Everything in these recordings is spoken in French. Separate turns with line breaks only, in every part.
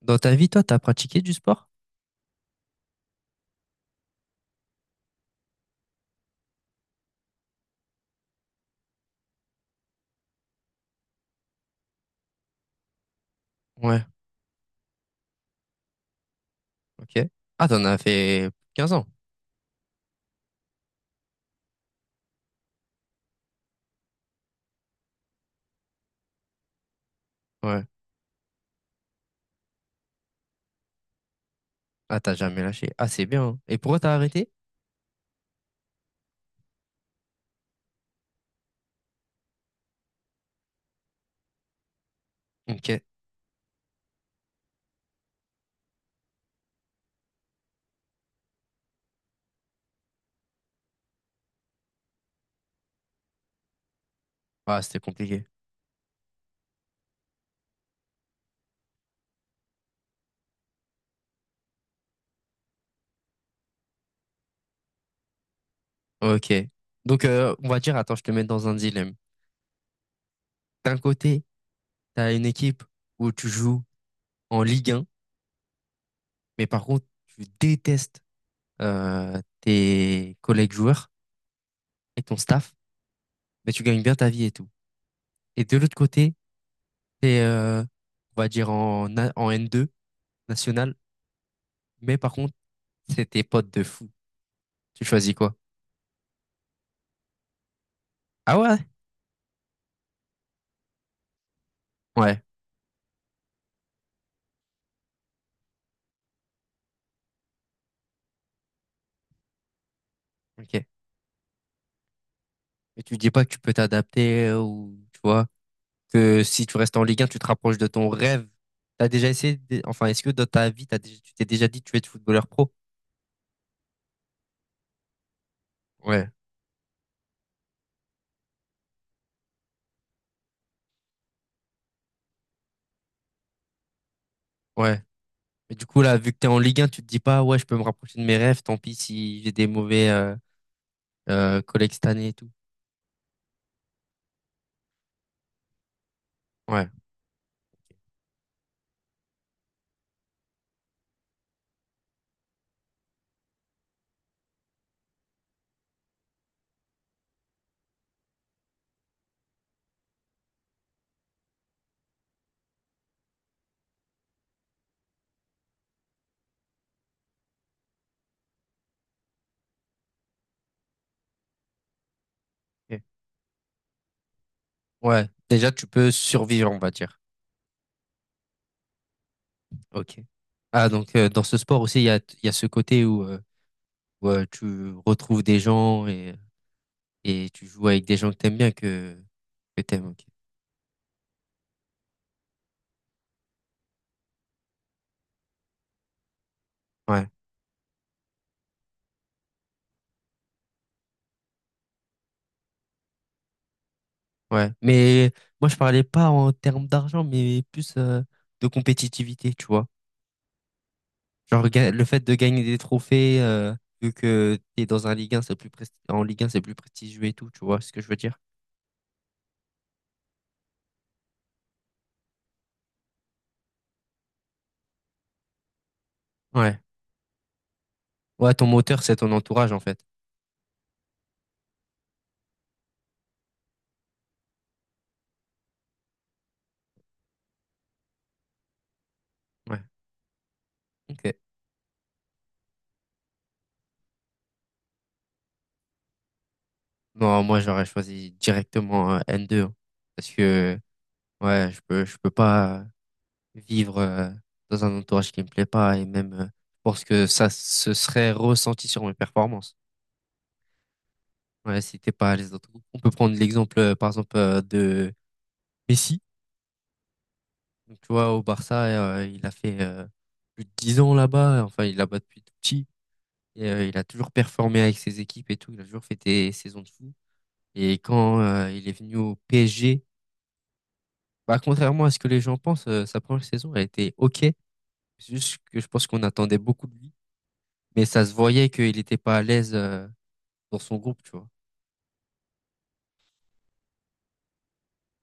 Dans ta vie, toi, t'as pratiqué du sport? Ouais, ok. Ah, t'en as fait 15 ans. Ouais. Ah, t'as jamais lâché. Ah, c'est bien, hein. Et pourquoi t'as arrêté? Ok. Ah, c'était compliqué. Ok. Donc, on va dire, attends, je te mets dans un dilemme. D'un côté, t'as une équipe où tu joues en Ligue 1, mais par contre, tu détestes tes collègues joueurs et ton staff, mais tu gagnes bien ta vie et tout. Et de l'autre côté, t'es, euh, on va dire, en N2 national, mais par contre, c'est tes potes de fou. Tu choisis quoi? Ah ouais? Ouais, ok. Et tu dis pas que tu peux t'adapter ou tu vois que si tu restes en Ligue 1, tu te rapproches de ton rêve. T'as déjà enfin est-ce que dans ta vie tu t'es déjà dit que tu veux être footballeur pro? Ouais, ouais. Mais du coup là, vu que t'es en Ligue 1, tu te dis pas ouais, je peux me rapprocher de mes rêves, tant pis si j'ai des mauvais collègues cette année et tout. Ouais, ok. Ouais, déjà tu peux survivre, on va dire. Ok. Ah donc dans ce sport aussi il y a ce côté où, tu retrouves des gens. Et tu joues avec des gens que t'aimes bien, que t'aimes, ok. Ouais, ouais. Mais moi, je parlais pas en termes d'argent, mais plus de compétitivité, tu vois. Genre, le fait de gagner des trophées, vu que t'es dans un Ligue 1, en Ligue 1, c'est plus prestigieux et tout, tu vois ce que je veux dire? Ouais. Ouais, ton moteur, c'est ton entourage, en fait. Ouais, ok. Non, moi, j'aurais choisi directement N2, hein, parce que, ouais, je peux pas vivre dans un entourage qui me plaît pas, et même je pense que ça se serait ressenti sur mes performances. Ouais, c'était pas les autres. On peut prendre l'exemple par exemple de Messi. Donc, tu vois, au Barça, il a fait plus de 10 ans là-bas, enfin il est là-bas depuis tout petit, et il a toujours performé avec ses équipes et tout, il a toujours fait des saisons de fou. Et quand il est venu au PSG, bah contrairement à ce que les gens pensent, sa première saison a été OK. C'est juste que je pense qu'on attendait beaucoup de lui. Mais ça se voyait qu'il n'était pas à l'aise dans son groupe, tu vois.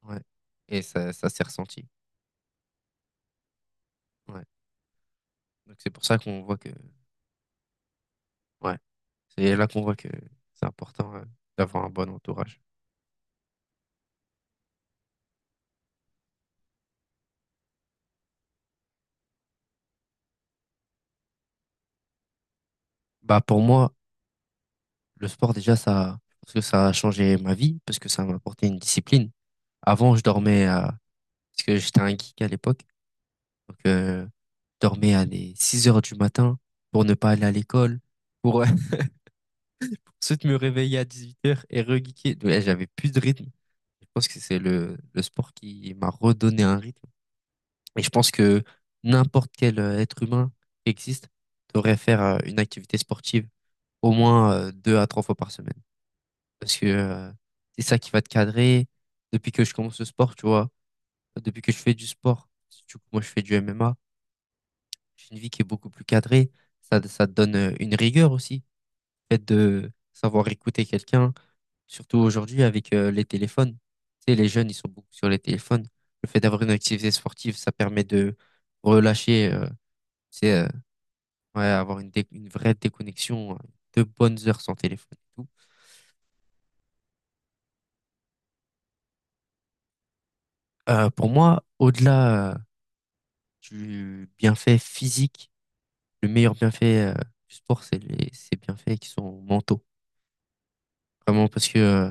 Ouais. Et ça s'est ressenti. Ouais. Donc c'est pour ça qu'on voit que. Ouais. C'est là qu'on voit que c'est important d'avoir un bon entourage. Bah pour moi, le sport déjà, ça. Parce que ça a changé ma vie, parce que ça m'a apporté une discipline. Avant, je dormais à. Parce que j'étais un geek à l'époque. Donc je dormais à des 6 heures du matin pour ne pas aller à l'école. Pour ensuite me réveiller à 18h et regeeker. Ouais, j'avais plus de rythme. Je pense que c'est le sport qui m'a redonné un rythme. Et je pense que n'importe quel être humain qui existe devrait faire une activité sportive au moins 2 à 3 fois par semaine. Parce que c'est ça qui va te cadrer. Depuis que je commence le sport, tu vois, depuis que je fais du sport, surtout que moi je fais du MMA, j'ai une vie qui est beaucoup plus cadrée. Ça te donne une rigueur aussi. Le fait de savoir écouter quelqu'un. Surtout aujourd'hui avec les téléphones. Tu sais, les jeunes, ils sont beaucoup sur les téléphones. Le fait d'avoir une activité sportive, ça permet de relâcher, tu sais, ouais, avoir une vraie déconnexion, de bonnes heures sans téléphone et tout. Pour moi, au-delà du bienfait physique, le meilleur bienfait du sport, c'est ces bienfaits qui sont mentaux. Vraiment parce que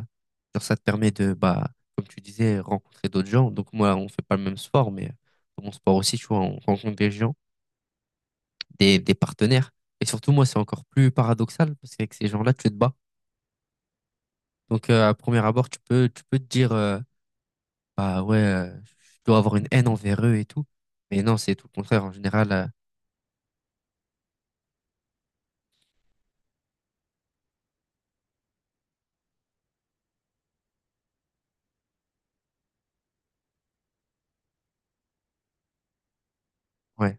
genre, ça te permet de, bah, comme tu disais, rencontrer d'autres gens. Donc moi, on fait pas le même sport, mais dans mon sport aussi, tu vois, on rencontre des gens. Des partenaires. Et surtout, moi, c'est encore plus paradoxal parce qu'avec ces gens-là, tu te bats. Donc, à premier abord, tu peux te dire, bah ouais, je dois avoir une haine envers eux et tout. Mais non, c'est tout le contraire. En général, ouais,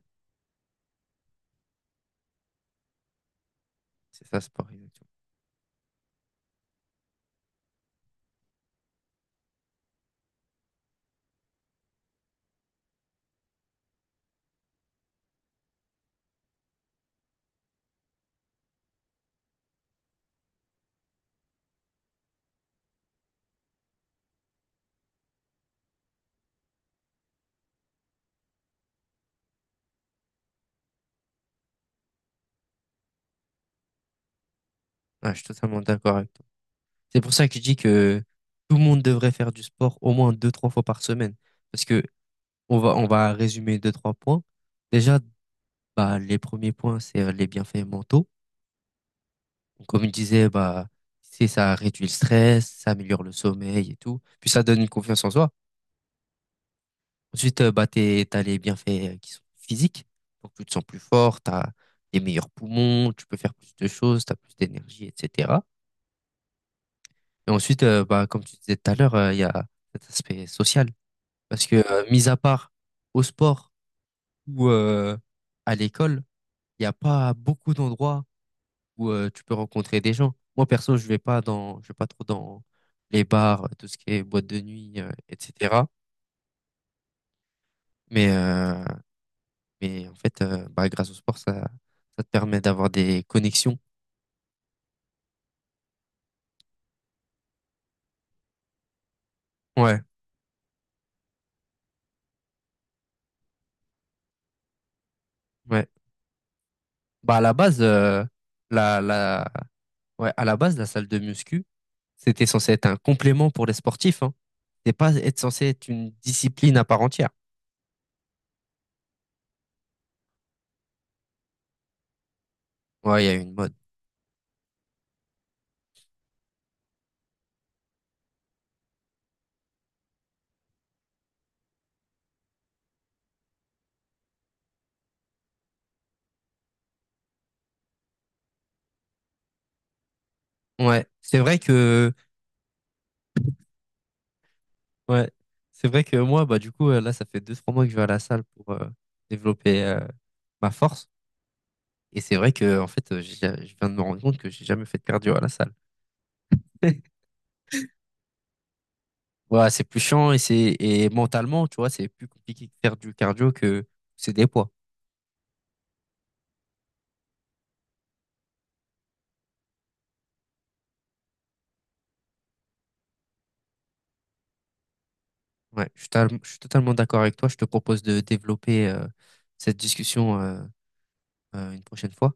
c'est ça, sport, exactement. Ouais, je suis totalement d'accord avec toi. C'est pour ça que je dis que tout le monde devrait faire du sport au moins 2, 3 fois par semaine. Parce que on va résumer deux, trois points. Déjà, bah, les premiers points, c'est les bienfaits mentaux. Comme il disait, bah, c'est ça réduit le stress, ça améliore le sommeil et tout. Puis ça donne une confiance en soi. Ensuite, bah, t'as les bienfaits qui sont physiques. Donc, tu te sens plus fort, t'as des meilleurs poumons, tu peux faire plus de choses, t'as plus d'énergie, etc. Et ensuite, bah, comme tu disais tout à l'heure, il y a cet aspect social. Parce que, mis à part au sport ou à l'école, il n'y a pas beaucoup d'endroits où tu peux rencontrer des gens. Moi, perso, je vais pas trop dans les bars, tout ce qui est boîte de nuit, etc. Mais, euh, mais en fait, bah, grâce au sport, ça te permet d'avoir des connexions. Ouais, ouais. Bah, à la base, la, la, la salle de muscu, c'était censé être un complément pour les sportifs, hein. C'était pas être censé être une discipline à part entière. Ouais, il y a eu une mode. Ouais, c'est vrai que. Ouais, c'est vrai que moi, bah, du coup, là, ça fait 2, 3 mois que je vais à la salle pour développer ma force. Et c'est vrai que, en fait, je viens de me rendre compte que j'ai jamais fait de cardio à la salle. Ouais, c'est plus chiant et c'est et mentalement, tu vois, c'est plus compliqué de faire du cardio que c'est des poids. Ouais, je suis totalement d'accord avec toi. Je te propose de développer cette discussion une prochaine fois.